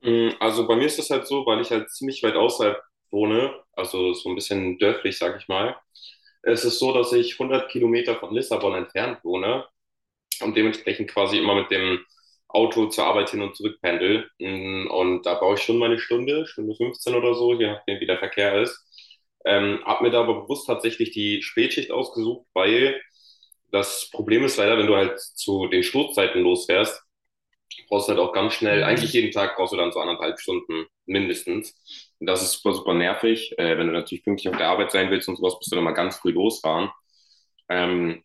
Also bei mir ist das halt so, weil ich halt ziemlich weit außerhalb wohne, also so ein bisschen dörflich, sag ich mal. Es ist so, dass ich 100 Kilometer von Lissabon entfernt wohne und dementsprechend quasi immer mit dem Auto zur Arbeit hin und zurück pendel. Und da brauche ich schon meine Stunde, Stunde 15 oder so, je nachdem, wie der Verkehr ist. Hab mir da aber bewusst tatsächlich die Spätschicht ausgesucht, weil das Problem ist leider, wenn du halt zu den Stoßzeiten losfährst, du brauchst halt auch ganz schnell, eigentlich jeden Tag brauchst du dann so 1,5 Stunden mindestens. Und das ist super, super nervig. Wenn du natürlich pünktlich auf der Arbeit sein willst und sowas, musst du dann mal ganz früh losfahren. Ähm,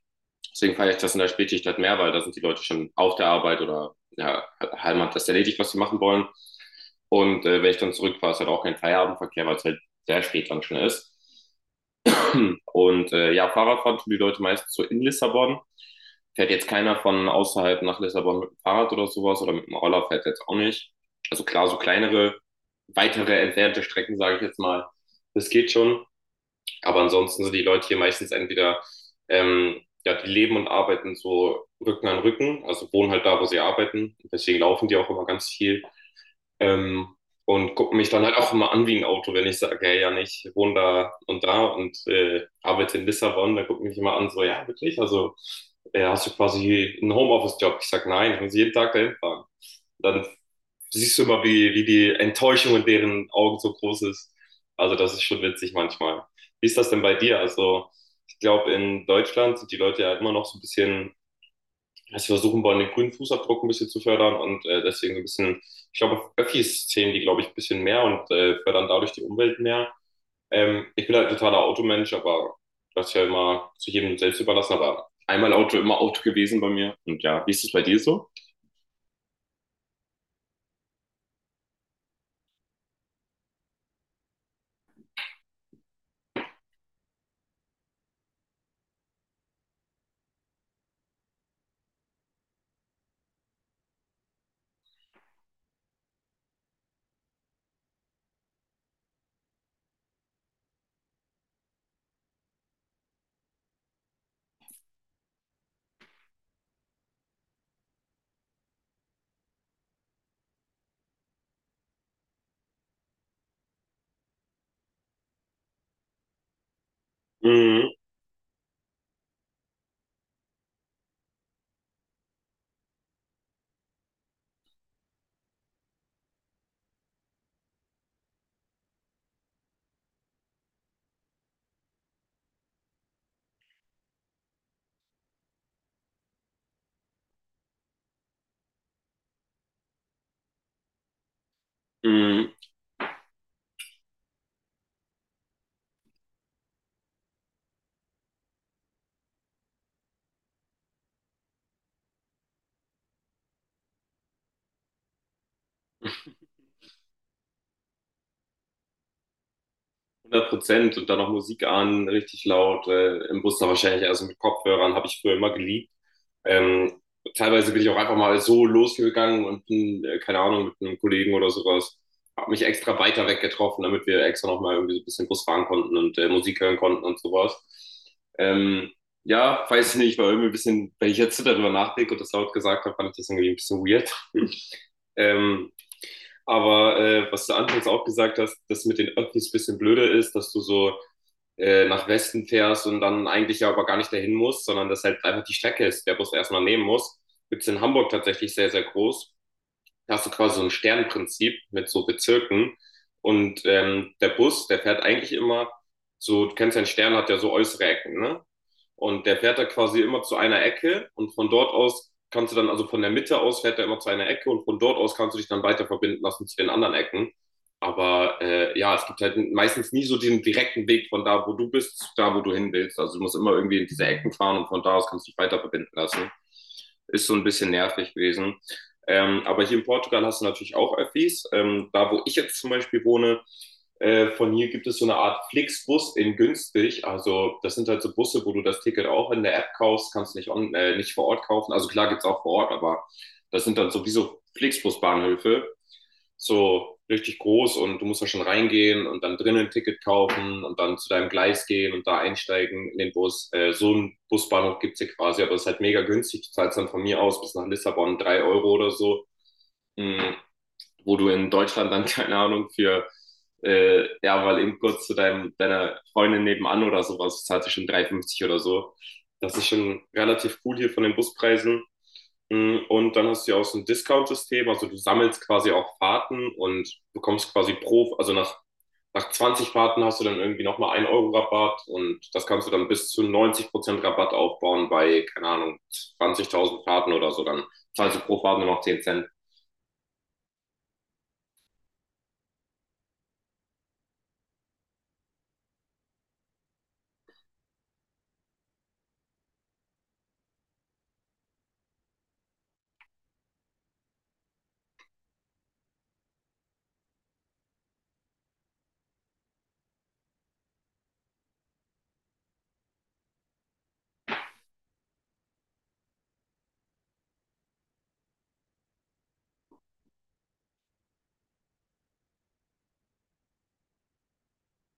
Deswegen feiere ich das in der Spätschicht halt mehr, weil da sind die Leute schon auf der Arbeit oder ja, Halm hat das erledigt, was sie machen wollen. Und wenn ich dann zurückfahre, ist halt auch kein Feierabendverkehr, weil es halt sehr spät dann schon ist. Und ja, Fahrradfahren tun die Leute meistens so in Lissabon. Fährt jetzt keiner von außerhalb nach Lissabon mit dem Fahrrad oder sowas oder mit dem Roller fährt jetzt auch nicht. Also klar, so kleinere, weitere entfernte Strecken, sage ich jetzt mal, das geht schon. Aber ansonsten sind die Leute hier meistens entweder, ja, die leben und arbeiten so Rücken an Rücken, also wohnen halt da, wo sie arbeiten. Deswegen laufen die auch immer ganz viel. Ähm, und gucke mich dann halt auch immer an wie ein Auto, wenn ich sage, hey, ja, ich wohne da und da und arbeite in Lissabon, dann gucken mich immer an, so, ja, wirklich, also hast du quasi einen Homeoffice-Job? Ich sage, nein, ich muss jeden Tag dahin fahren. Dann siehst du immer, wie die Enttäuschung in deren Augen so groß ist. Also das ist schon witzig manchmal. Wie ist das denn bei dir? Also ich glaube, in Deutschland sind die Leute ja immer noch so ein bisschen, also versuchen wollen, den grünen Fußabdruck ein bisschen zu fördern und deswegen so ein bisschen, ich glaube, Öffis zählen die, glaube ich, ein bisschen mehr und fördern dadurch die Umwelt mehr. Ich bin halt ein totaler Automensch, aber das ist ja immer zu jedem selbst überlassen, aber einmal Auto, immer Auto gewesen bei mir. Und ja, wie ist es bei dir so? Mhm, mhm. 100% und dann noch Musik an, richtig laut, im Bus dann wahrscheinlich, also mit Kopfhörern, habe ich früher immer geliebt. Ähm, Teilweise bin ich auch einfach mal so losgegangen und bin, keine Ahnung, mit einem Kollegen oder sowas, habe mich extra weiter weg getroffen, damit wir extra nochmal irgendwie so ein bisschen Bus fahren konnten und Musik hören konnten und sowas. Ähm, ja, weiß nicht, war irgendwie ein bisschen, wenn ich jetzt darüber nachdenke und das laut gesagt habe, fand ich das irgendwie ein bisschen weird. ähm, aber was du anfangs auch gesagt hast, dass mit den Öffis ein bisschen blöder ist, dass du so nach Westen fährst und dann eigentlich ja aber gar nicht dahin musst, sondern dass halt einfach die Strecke ist, der Bus erstmal nehmen muss. Gibt es in Hamburg tatsächlich sehr, sehr groß. Da hast du quasi so ein Sternprinzip mit so Bezirken. Und der Bus, der fährt eigentlich immer so, du kennst ja, ein Stern hat ja so äußere Ecken, ne? Und der fährt da quasi immer zu einer Ecke und von dort aus kannst du dann, also von der Mitte aus fährt er immer zu einer Ecke und von dort aus kannst du dich dann weiter verbinden lassen zu den anderen Ecken. Aber ja, es gibt halt meistens nie so den direkten Weg von da, wo du bist, zu da, wo du hin willst. Also du musst immer irgendwie in diese Ecken fahren und von da aus kannst du dich weiter verbinden lassen. Ist so ein bisschen nervig gewesen. Aber hier in Portugal hast du natürlich auch Öffis. Da, wo ich jetzt zum Beispiel wohne, von hier gibt es so eine Art Flixbus in günstig. Also das sind halt so Busse, wo du das Ticket auch in der App kaufst, kannst nicht, nicht vor Ort kaufen. Also klar gibt es auch vor Ort, aber das sind dann sowieso Flixbus-Bahnhöfe. So richtig groß, und du musst da schon reingehen und dann drinnen ein Ticket kaufen und dann zu deinem Gleis gehen und da einsteigen in den Bus. So einen Busbahnhof gibt's hier quasi, aber es ist halt mega günstig. Du zahlst dann von mir aus bis nach Lissabon 3 € oder so. Mm, Wo du in Deutschland dann, keine Ahnung, für, ja, weil eben kurz zu deiner Freundin nebenan oder sowas, zahlt sich schon 3,50 oder so. Das ist schon relativ cool hier von den Buspreisen. Und dann hast du ja auch so ein Discount-System, also du sammelst quasi auch Fahrten und bekommst quasi pro, also nach 20 Fahrten hast du dann irgendwie nochmal 1 € Rabatt, und das kannst du dann bis zu 90% Prozent Rabatt aufbauen bei, keine Ahnung, 20.000 Fahrten oder so, dann zahlst du pro Fahrt nur noch 10 Cent.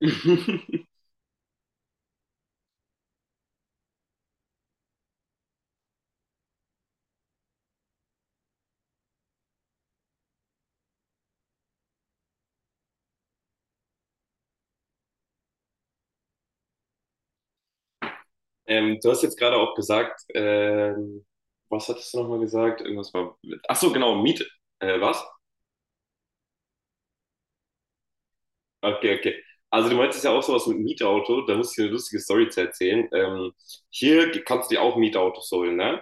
Du hast jetzt gerade auch gesagt, was hattest du nochmal gesagt? Irgendwas war mit. Ach so, genau, Miet. Was? Okay, okay. Also du meintest ja auch sowas mit Mietauto, da muss ich dir eine lustige Story zu erzählen. Hier kannst du dir auch Mietautos holen, ne?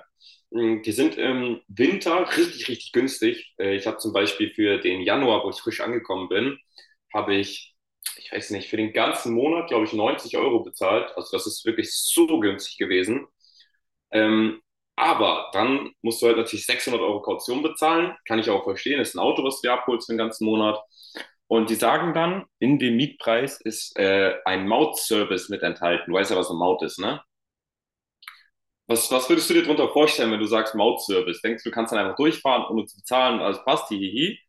Die sind im Winter richtig, richtig günstig. Ich habe zum Beispiel für den Januar, wo ich frisch angekommen bin, habe ich, ich weiß nicht, für den ganzen Monat, glaube ich, 90 € bezahlt. Also das ist wirklich so günstig gewesen. Ähm, aber dann musst du halt natürlich 600 € Kaution bezahlen. Kann ich auch verstehen. Das ist ein Auto, was du dir abholst für den ganzen Monat. Und die sagen dann, in dem Mietpreis ist ein Mautservice mit enthalten. Du weißt ja, was eine Maut ist, ne? Was würdest du dir darunter vorstellen, wenn du sagst Mautservice? Denkst du, du kannst dann einfach durchfahren, ohne zu bezahlen und alles passt, hihihi? Hi, hi.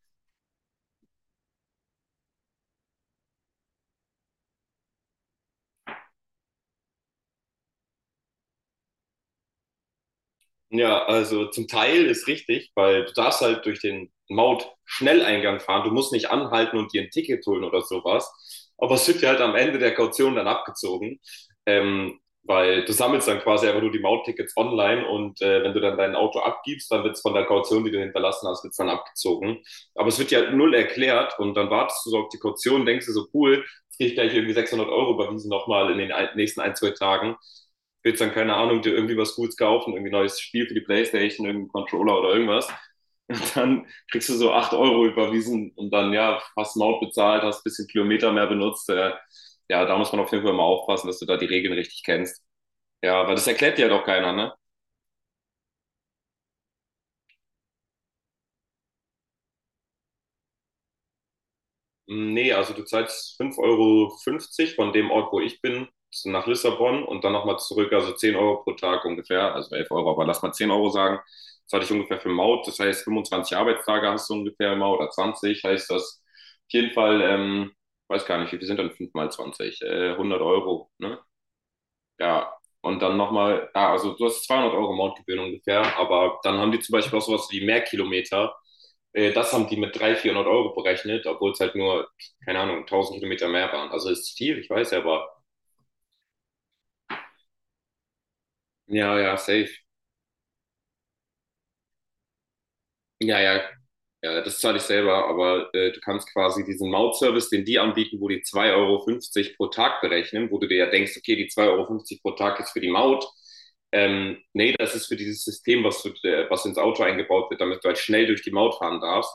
Ja, also zum Teil ist richtig, weil du darfst halt durch den Maut-Schnelleingang fahren. Du musst nicht anhalten und dir ein Ticket holen oder sowas. Aber es wird dir halt am Ende der Kaution dann abgezogen, weil du sammelst dann quasi einfach nur die Mauttickets online, und wenn du dann dein Auto abgibst, dann wird es von der Kaution, die du hinterlassen hast, wird's dann abgezogen. Aber es wird dir halt null erklärt und dann wartest du so auf die Kaution, denkst dir so, cool, jetzt krieg ich gleich irgendwie 600 € überwiesen nochmal in den nächsten ein, zwei Tagen, willst dann, keine Ahnung, dir irgendwie was Gutes kaufen, irgendwie neues Spiel für die Playstation, irgendeinen Controller oder irgendwas. Und dann kriegst du so 8 € überwiesen und dann, ja, hast einen Maut bezahlt, hast ein bisschen Kilometer mehr benutzt. Ja, da muss man auf jeden Fall mal aufpassen, dass du da die Regeln richtig kennst. Ja, weil das erklärt dir ja doch keiner, ne? Nee, also du zahlst 5,50 € von dem Ort, wo ich bin, nach Lissabon und dann nochmal zurück, also 10 € pro Tag ungefähr, also 11 Euro, aber lass mal 10 € sagen. Das hatte ich ungefähr für Maut, das heißt 25 Arbeitstage hast du ungefähr immer oder 20, heißt das auf jeden Fall, weiß gar nicht, wie viel sind dann 5 mal 20? 100 Euro, ne? Ja, und dann nochmal, ah, also du hast 200 € Mountgebühren ungefähr, aber dann haben die zum Beispiel auch sowas wie Mehrkilometer. Das haben die mit 300, 400 € berechnet, obwohl es halt nur, keine Ahnung, 1.000 Kilometer mehr waren. Also ist viel, ich weiß ja, aber ja, ja, safe. Ja, ja, ja, das zahle ich selber, aber du kannst quasi diesen Mautservice, den die anbieten, wo die 2,50 € pro Tag berechnen, wo du dir ja denkst, okay, die 2,50 € pro Tag ist für die Maut. Nee, das ist für dieses System, was, du, was ins Auto eingebaut wird, damit du halt schnell durch die Maut fahren darfst.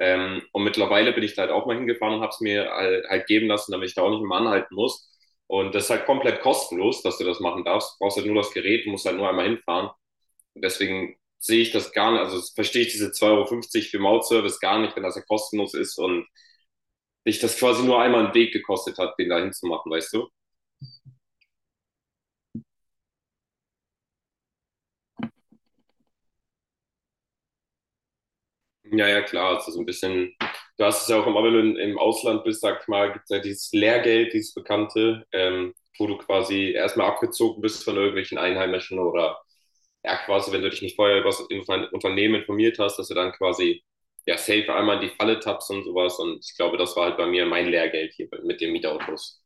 Und mittlerweile bin ich da halt auch mal hingefahren und habe es mir halt geben lassen, damit ich da auch nicht immer anhalten muss. Und das ist halt komplett kostenlos, dass du das machen darfst. Du brauchst halt nur das Gerät, musst halt nur einmal hinfahren. Und deswegen sehe ich das gar nicht, also verstehe ich diese 2,50 € für Mautservice gar nicht, wenn das ja kostenlos ist und dich das quasi nur einmal einen Weg gekostet hat, den da hinzumachen, weißt du? Ja, ja, klar, also so ein bisschen, du hast es ja auch, wenn du im Ausland bist, sag ich mal, gibt es ja dieses Lehrgeld, dieses Bekannte, wo du quasi erstmal abgezogen bist von irgendwelchen Einheimischen, oder ja, quasi, wenn du dich nicht vorher über das Unternehmen informiert hast, dass du dann quasi ja safe einmal in die Falle tappst und sowas. Und ich glaube, das war halt bei mir mein Lehrgeld hier mit den Mietautos.